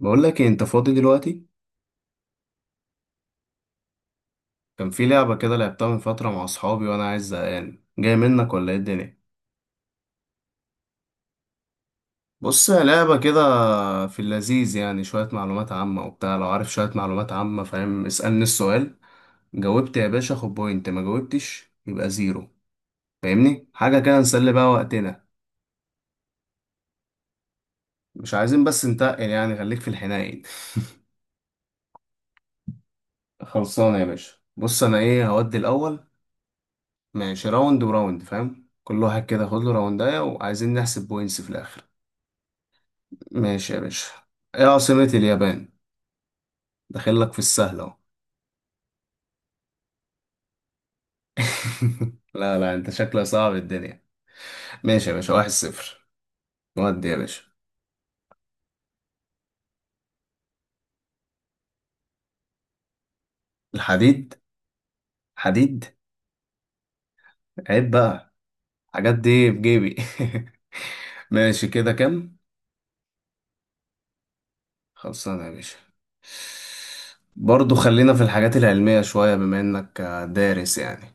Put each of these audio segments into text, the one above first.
بقول لك إيه، انت فاضي دلوقتي؟ كان في لعبة كده لعبتها من فترة مع اصحابي وانا عايز زهقان، جاي منك ولا ايه الدنيا؟ بص هي لعبة كده، في اللذيذ يعني شوية معلومات عامة وبتاع. لو عارف شوية معلومات عامة فاهم اسألني السؤال. جاوبت يا باشا خد بوينت، ما جاوبتش يبقى زيرو. فاهمني حاجة كده نسلي بقى وقتنا. مش عايزين بس نتقل يعني، خليك في الحنين. خلصانة يا باشا. بص انا ايه، هودي الاول. ماشي راوند وراوند فاهم، كل واحد كده خد له راوندايه، وعايزين نحسب بوينتس في الاخر. ماشي يا باشا. ايه عاصمة اليابان؟ داخل لك في السهل اهو. لا لا انت شكلك صعب الدنيا. ماشي يا باشا، واحد صفر. ودي يا باشا. الحديد، حديد. عيب بقى، الحاجات دي بجيبي. ماشي، كده كام؟ خلصانة يا باشا. برضو خلينا في الحاجات العلمية شوية بما انك دارس يعني.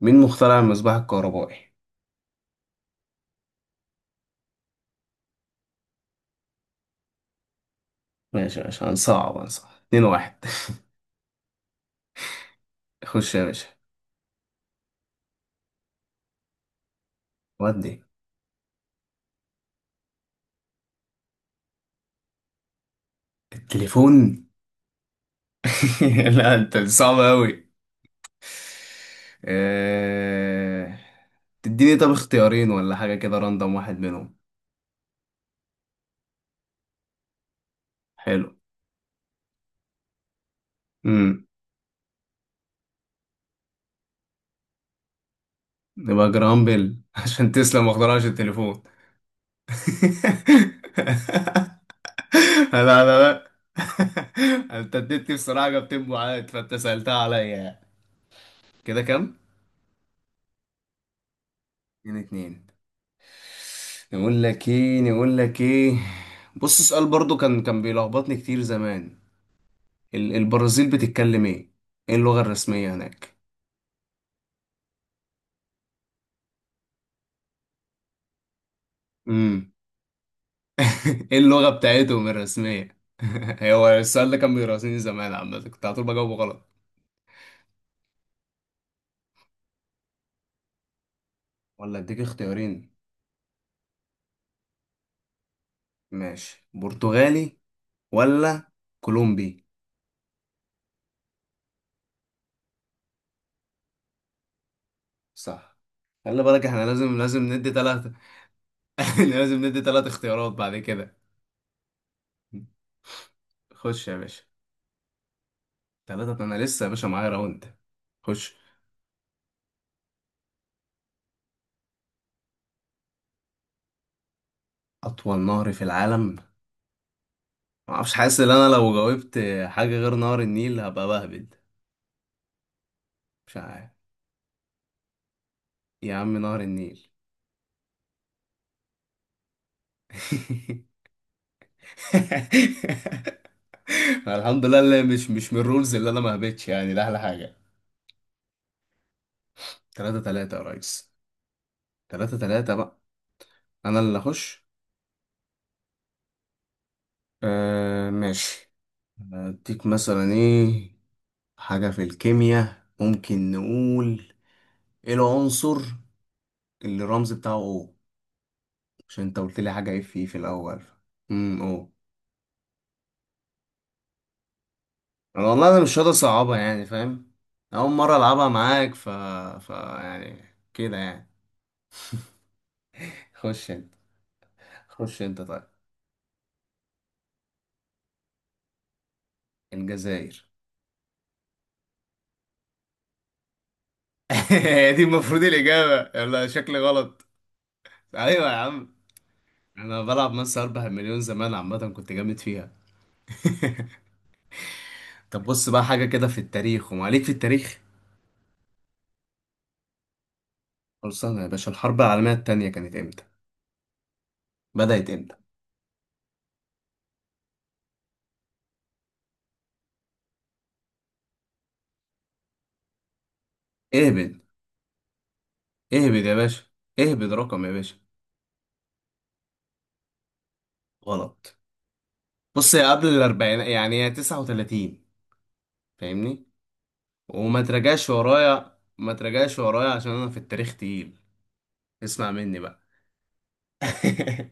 مين مخترع المصباح الكهربائي؟ ماشي يا باشا، هنصعب اتنين واحد. خش يا باشا. ودي. التليفون؟ لا انت صعب قوي. أه... تديني طب اختيارين ولا حاجة كده راندم واحد منهم؟ حلو. امم نبقى جرام بيل عشان تسلم ما اخترعش التليفون. لا لا لا. انت اديتني بصراحة جبتين بعاد، فانت سألتها عليا يعني. كده كام؟ اتنين اتنين. نقول لك ايه؟ بص سؤال برضو كان بيلخبطني كتير زمان. البرازيل بتتكلم ايه؟ ايه اللغة الرسمية هناك؟ امم. ايه اللغة بتاعتهم الرسمية؟ هو السؤال ده كان بيراسيني زمان، عامة كنت على طول بجاوبه غلط. ولا اديك اختيارين؟ ماشي، برتغالي ولا كولومبي؟ صح. خلي بالك احنا لازم ندي ثلاثة. لازم ندي ثلاث اختيارات بعد كده. خش يا باشا. ثلاثة، انا لسه يا باشا معايا راوند. خش. أطول نهر في العالم؟ معرفش، حاسس ان انا لو جاوبت حاجة غير نهر النيل هبقى بهبد. مش عارف، يا عم نهر النيل. الحمد لله اللي مش من الرولز اللي انا ما هبتش، يعني ده احلى حاجة. تلاتة تلاتة يا ريس. تلاتة تلاتة بقى. انا اللي اخش. آه ماشي. اديك مثلا ايه، حاجة في الكيمياء ممكن نقول، ايه العنصر اللي الرمز بتاعه؟ او عشان انت قلت لي حاجة اف في E في الاول. او والله انا مش راضي اصعبها يعني فاهم، اول مره العبها معاك، ف يعني كده يعني. خش انت، خش انت طيب. الجزائر. هي دي المفروض الاجابه، لا شكلي غلط. ايوه يا عم، انا بلعب مس 4 مليون زمان عامه كنت جامد فيها. طب بص بقى، حاجه كده في التاريخ وما عليك في التاريخ. خلصانه يا باشا، الحرب العالميه التانية كانت امتى؟ بدات امتى؟ اهبد. اهبد يا باشا. اهبد رقم يا باشا. غلط. بص هي قبل الاربعين، يعني هي 39 فاهمني. وما تراجعش ورايا ما تراجعش ورايا عشان انا في التاريخ تقيل. اسمع مني بقى.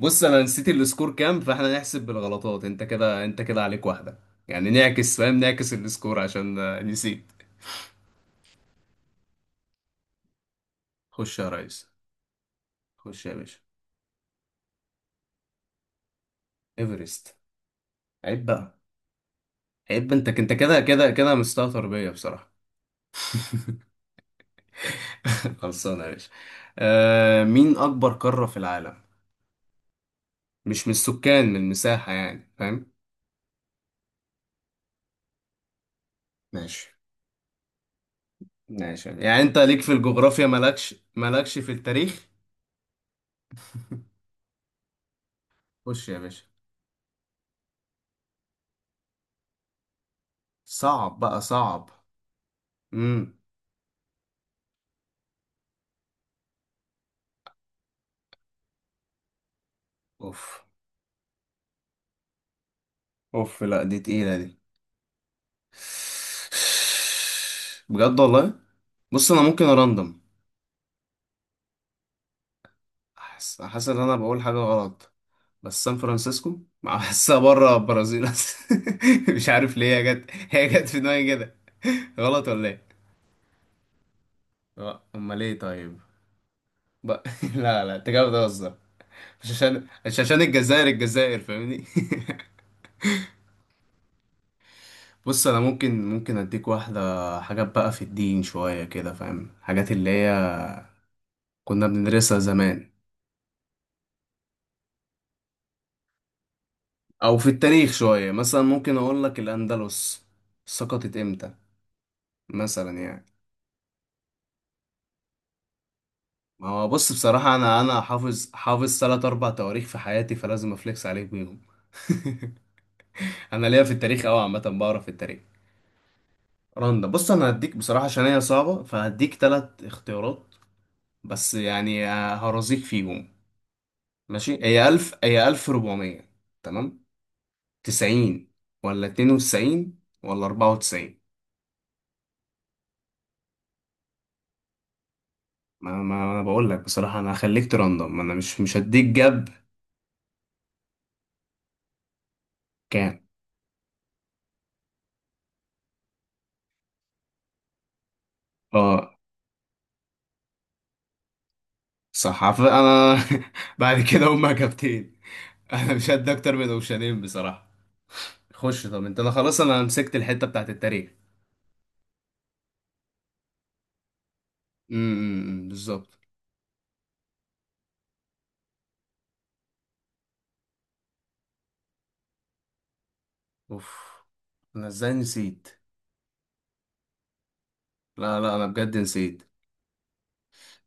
بص انا نسيت السكور كام، فاحنا نحسب بالغلطات. انت كده عليك واحدة، يعني نعكس فاهم، نعكس السكور عشان نسيت. خش يا ريس، خش يا باشا. ايفرست. عيب بقى. عيب انت كده مستهتر بيا بصراحة. خلصانة يا باشا. مين اكبر قارة في العالم؟ مش من السكان، من المساحة يعني فاهم. ماشي. ماشي يعني، انت ليك في الجغرافيا، مالكش في التاريخ. خش يا باشا. صعب بقى صعب. امم اوف اوف. لا دي تقيلة دي. بجد والله. بص انا ممكن اراندم. احس ان انا بقول حاجة غلط، بس سان فرانسيسكو. بحسها بره البرازيل اصلا. مش عارف ليه هي جت في دماغي كده. غلط ولا ايه؟ لا، امال ايه طيب؟ بقى. لا لا، انت كده بتهزر. مش عشان الجزائر فاهمني. بص انا ممكن اديك واحده، حاجات بقى في الدين شويه كده فاهم، حاجات اللي هي كنا بندرسها زمان. او في التاريخ شويه، مثلا ممكن اقول لك الاندلس سقطت امتى مثلا يعني. ما هو بص بصراحه، انا حافظ ثلاث اربع تواريخ في حياتي، فلازم افليكس عليك بيهم. انا ليا في التاريخ قوي عامه، بعرف في التاريخ. رندا. بص انا هديك بصراحه عشان هي صعبه، فهديك ثلاث اختيارات بس، يعني هرزيك فيهم. ماشي، هي 1000 هي 1400 تمام، 90 ولا 92 ولا 94؟ ما انا بقول لك بصراحة، انا هخليك ترندم، انا مش هديك جاب. كام؟ اه صح، انا بعد كده هما اجابتين. انا مش هدي اكتر من اوشنين بصراحة. خش طب انت، انا خلاص انا مسكت الحتة بتاعت التاريخ. امم، بالظبط. اوف، انا ازاي نسيت؟ لا لا انا بجد نسيت.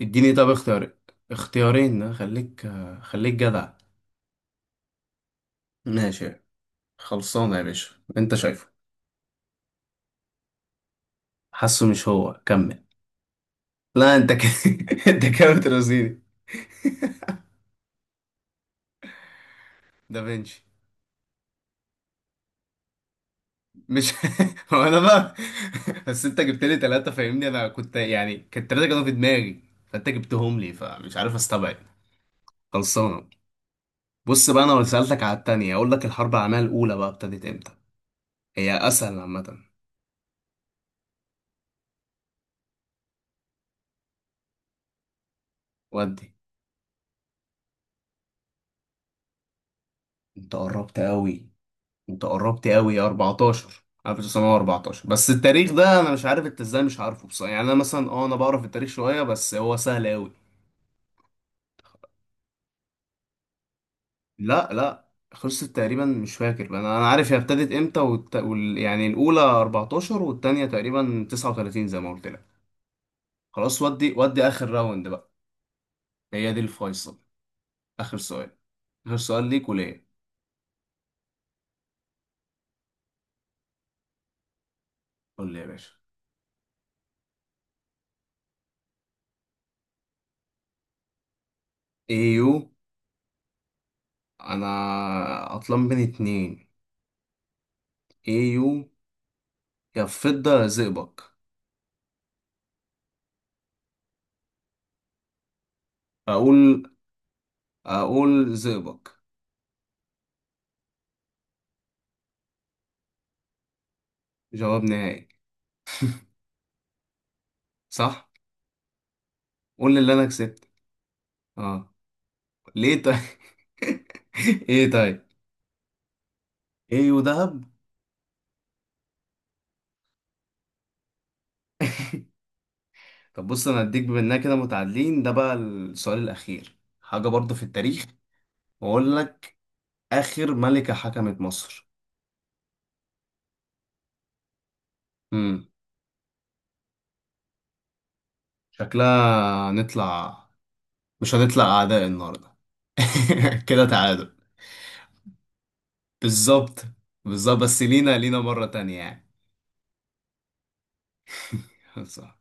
اديني طب اختيار، اختيارين خليك، خليك جدع. ماشي خلصانة يا باشا، انت شايف. حاسه مش هو كمل. لا انت انت كده بترازيني. دافنشي. مش. هو انا بقى. بس انت جبت لي ثلاثة فاهمني، انا كنت يعني كانت ثلاثة كانوا في دماغي، فانت جبتهم لي فمش عارف استبعد. خلصانة. بص بقى، انا لو سألتك على التانية اقول لك الحرب العالمية الاولى بقى ابتدت امتى. هي اسهل عامة. ودي. انت قربت قوي انت قربت قوي، يا 14 1914. بس التاريخ ده انا مش عارف انت ازاي مش عارفه بصراحة، يعني انا مثلا انا بعرف التاريخ شوية بس هو سهل قوي. لا لا، خلصت تقريبا مش فاكر، انا عارف هي ابتدت امتى يعني الاولى 14 والتانية تقريبا 39 زي ما قلت لك. خلاص، ودي اخر راوند بقى. هي دي الفيصل. اخر سؤال. اخر سؤال ليك وليه. قول لي يا باشا. ايو. انا عطلان بين اتنين. ايو، يا فضة يا زئبق. اقول اقول زئبق. جواب نهائي. صح. قول لي اللي انا كسبت. اه، ليه طيب؟ ايه طيب؟ ايو، دهب. طب بص، انا هديك بما اننا كده متعادلين، ده بقى السؤال الاخير، حاجه برضه في التاريخ، واقول لك. اخر ملكه حكمت مصر. امم. شكلها هنطلع، مش هنطلع اعداء النهارده. كده تعادل. بالظبط. بالظبط، بس لينا مره تانية يعني. صح.